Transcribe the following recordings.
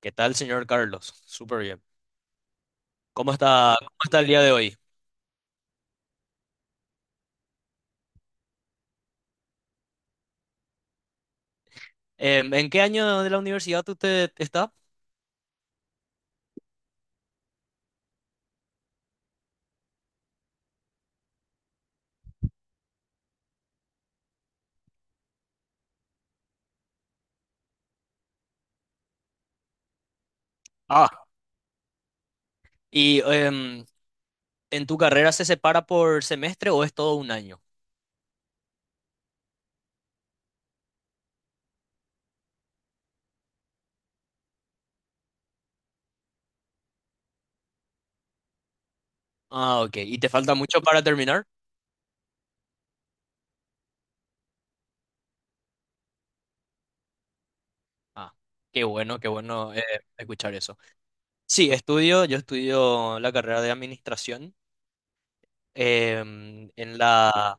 ¿Qué tal, señor Carlos? Súper bien. Cómo está el día de hoy? ¿En qué año de la universidad usted está? Ah, ¿y en tu carrera se separa por semestre o es todo un año? Ah, ok. ¿Y te falta mucho para terminar? Ah, qué bueno, qué bueno, escuchar eso. Sí, estudio, yo estudio la carrera de administración en la.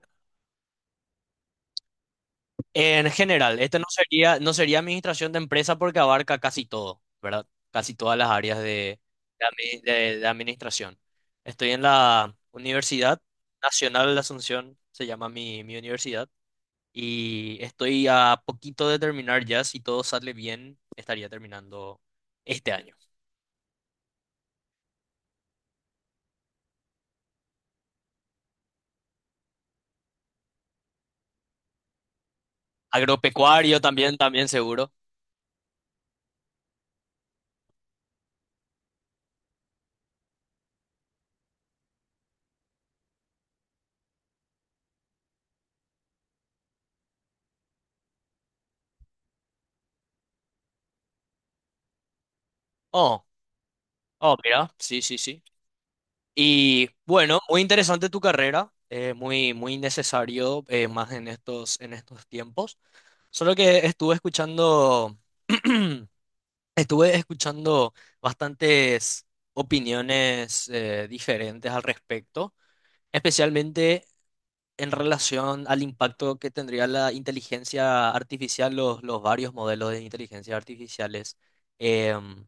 En general, este no sería, no sería administración de empresa porque abarca casi todo, ¿verdad? Casi todas las áreas de, de administración. Estoy en la Universidad Nacional de Asunción, se llama mi, mi universidad, y estoy a poquito de terminar ya, si todo sale bien, estaría terminando este año. Agropecuario también, también seguro. Oh, oh, mira, sí, sí, sí. Y bueno, muy interesante tu carrera, muy, muy necesario, más en estos tiempos. Solo que estuve escuchando, estuve escuchando bastantes opiniones, diferentes al respecto, especialmente en relación al impacto que tendría la inteligencia artificial, los varios modelos de inteligencia artificiales, em,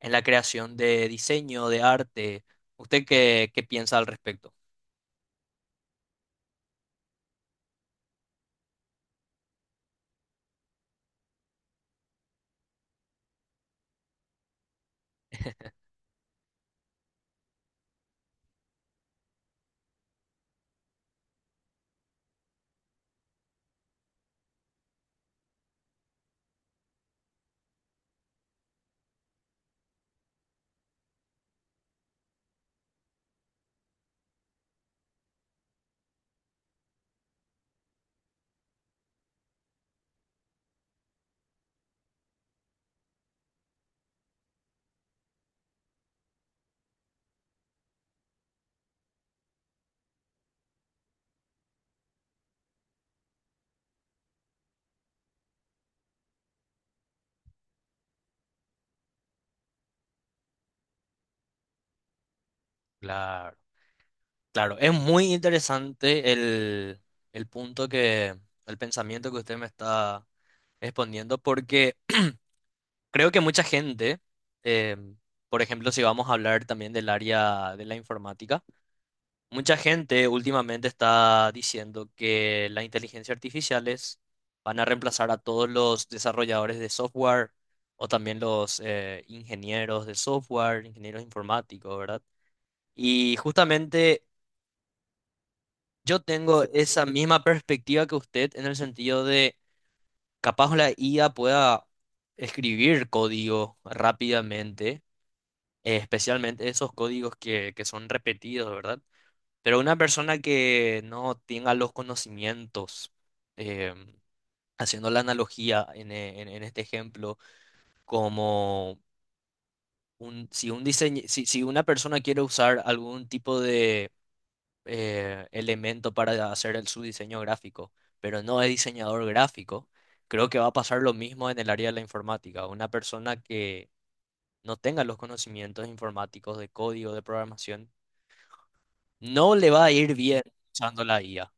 en la creación de diseño, de arte. ¿Usted qué, qué piensa al respecto? Claro, claro. Es muy interesante el punto que, el pensamiento que usted me está exponiendo, porque creo que mucha gente, eh, por ejemplo, si vamos a hablar también del área de la informática, mucha gente últimamente está diciendo que las inteligencias artificiales van a reemplazar a todos los desarrolladores de software o también los, ingenieros de software, ingenieros informáticos, ¿verdad? Y justamente yo tengo esa misma perspectiva que usted en el sentido de capaz la IA pueda escribir código rápidamente, especialmente esos códigos que son repetidos, ¿verdad? Pero una persona que no tenga los conocimientos, eh, haciendo la analogía en, en este ejemplo, como un, si, un si, si una persona quiere usar algún tipo de, elemento para hacer el, su diseño gráfico, pero no es diseñador gráfico, creo que va a pasar lo mismo en el área de la informática. Una persona que no tenga los conocimientos informáticos de código, de programación, no le va a ir bien usando la IA.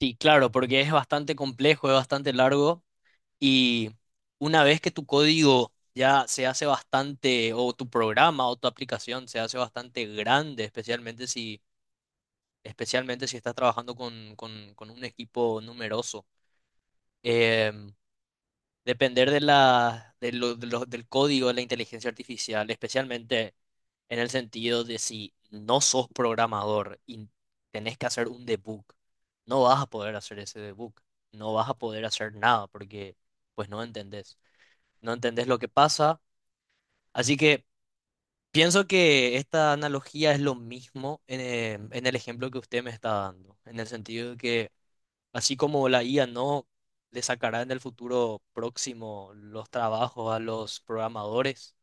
Sí, claro, porque es bastante complejo, es bastante largo y una vez que tu código ya se hace bastante, o tu programa o tu aplicación se hace bastante grande, especialmente si estás trabajando con, con un equipo numeroso. Em, Depender de la, del código de la inteligencia artificial, especialmente en el sentido de si no sos programador y tenés que hacer un debug, no vas a poder hacer ese debug, no vas a poder hacer nada porque pues no entendés, no entendés lo que pasa. Así que pienso que esta analogía es lo mismo en, en el ejemplo que usted me está dando, en el sentido de que así como la IA no le sacará en el futuro próximo los trabajos a los programadores,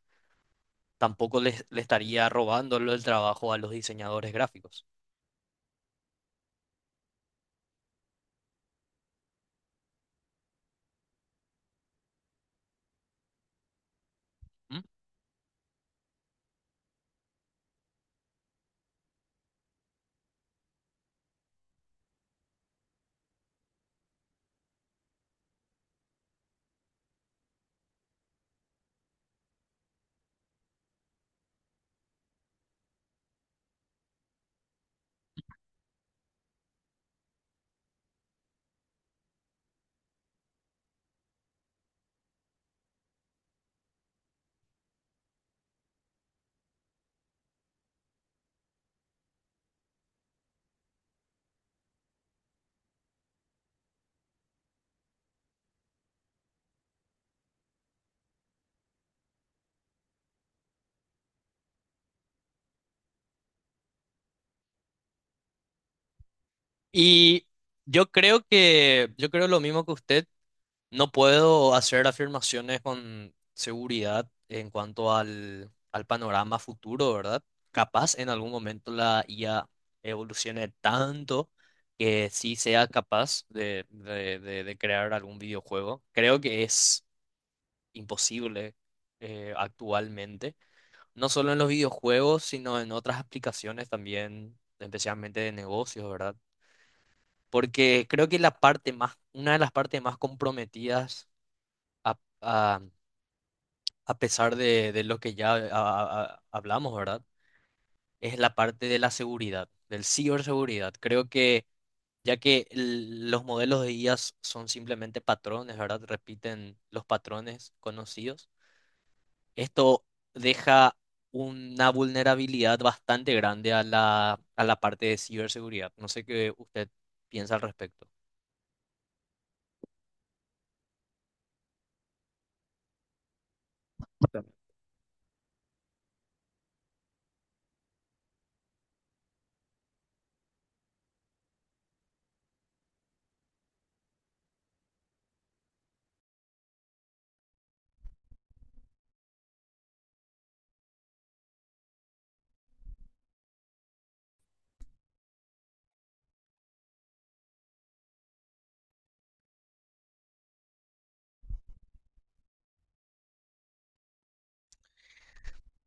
tampoco le estaría robando el trabajo a los diseñadores gráficos. ¿M? Y yo creo que, yo creo lo mismo que usted. No puedo hacer afirmaciones con seguridad en cuanto al, al panorama futuro, ¿verdad? Capaz en algún momento la IA evolucione tanto que sí sea capaz de, de crear algún videojuego. Creo que es imposible, actualmente, no solo en los videojuegos, sino en otras aplicaciones también, especialmente de negocios, ¿verdad? Porque creo que la parte más, una de las partes más comprometidas a a pesar de lo que ya hablamos, ¿verdad? Es la parte de la seguridad, del ciberseguridad. Creo que ya que los modelos de IA son simplemente patrones, ¿verdad? Repiten los patrones conocidos. Esto deja una vulnerabilidad bastante grande a la parte de ciberseguridad. No sé qué usted piensa al respecto.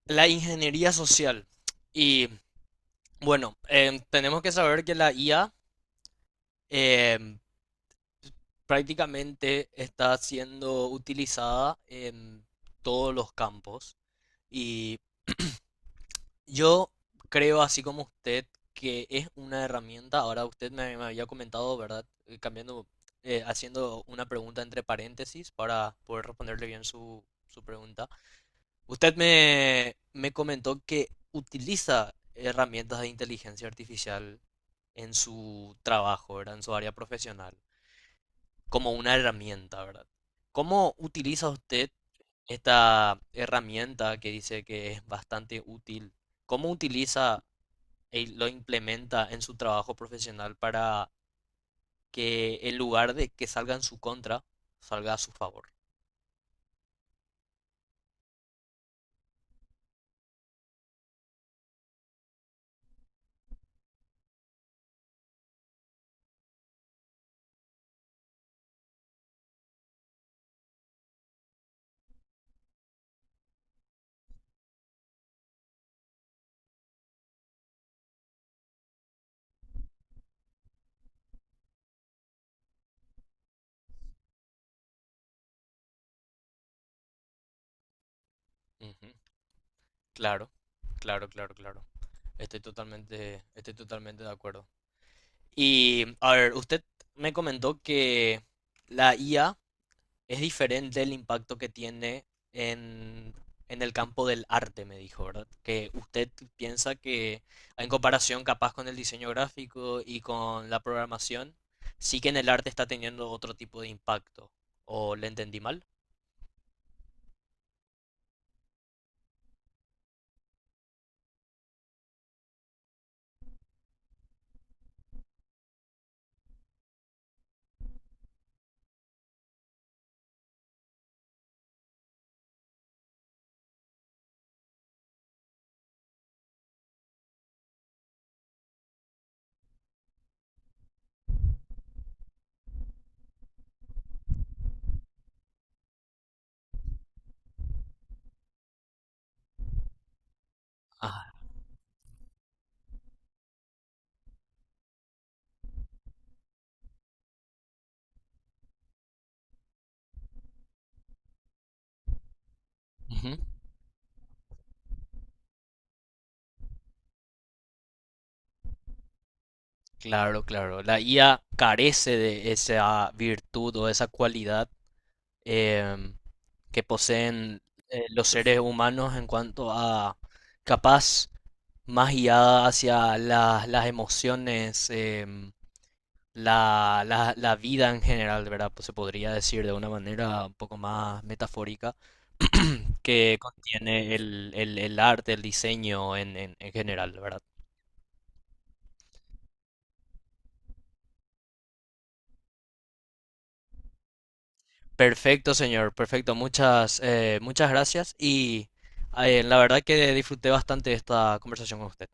La ingeniería social. Y bueno, tenemos que saber que la IA prácticamente está siendo utilizada en todos los campos y yo creo, así como usted, que es una herramienta. Ahora usted me, me había comentado, ¿verdad? Cambiando, haciendo una pregunta entre paréntesis para poder responderle bien su, su pregunta. Usted me, me comentó que utiliza herramientas de inteligencia artificial en su trabajo, ¿verdad? En su área profesional. Como una herramienta, ¿verdad? ¿Cómo utiliza usted esta herramienta que dice que es bastante útil? ¿Cómo utiliza y lo implementa en su trabajo profesional para que en lugar de que salga en su contra, salga a su favor? Ujú. Claro, claro, claro, claro. Estoy totalmente de acuerdo. Y a ver, usted me comentó que la IA es diferente el impacto que tiene en, en el campo del arte, me dijo, ¿verdad? Que usted piensa que en comparación capaz con el diseño gráfico y con la programación, sí que en el arte está teniendo otro tipo de impacto. ¿O le entendí mal? Ah, ujú. Claro, claro. La IA carece de esa virtud o esa cualidad, em, que poseen, los seres humanos en cuanto a capaz más guiada hacia las emociones, la, la vida en general, ¿verdad? Pues se podría decir de una manera un poco más metafórica, que contiene el, el arte, el diseño en, en general, ¿verdad? Perfecto, señor, perfecto. Muchas, muchas gracias y, la verdad que disfruté bastante de esta conversación con usted.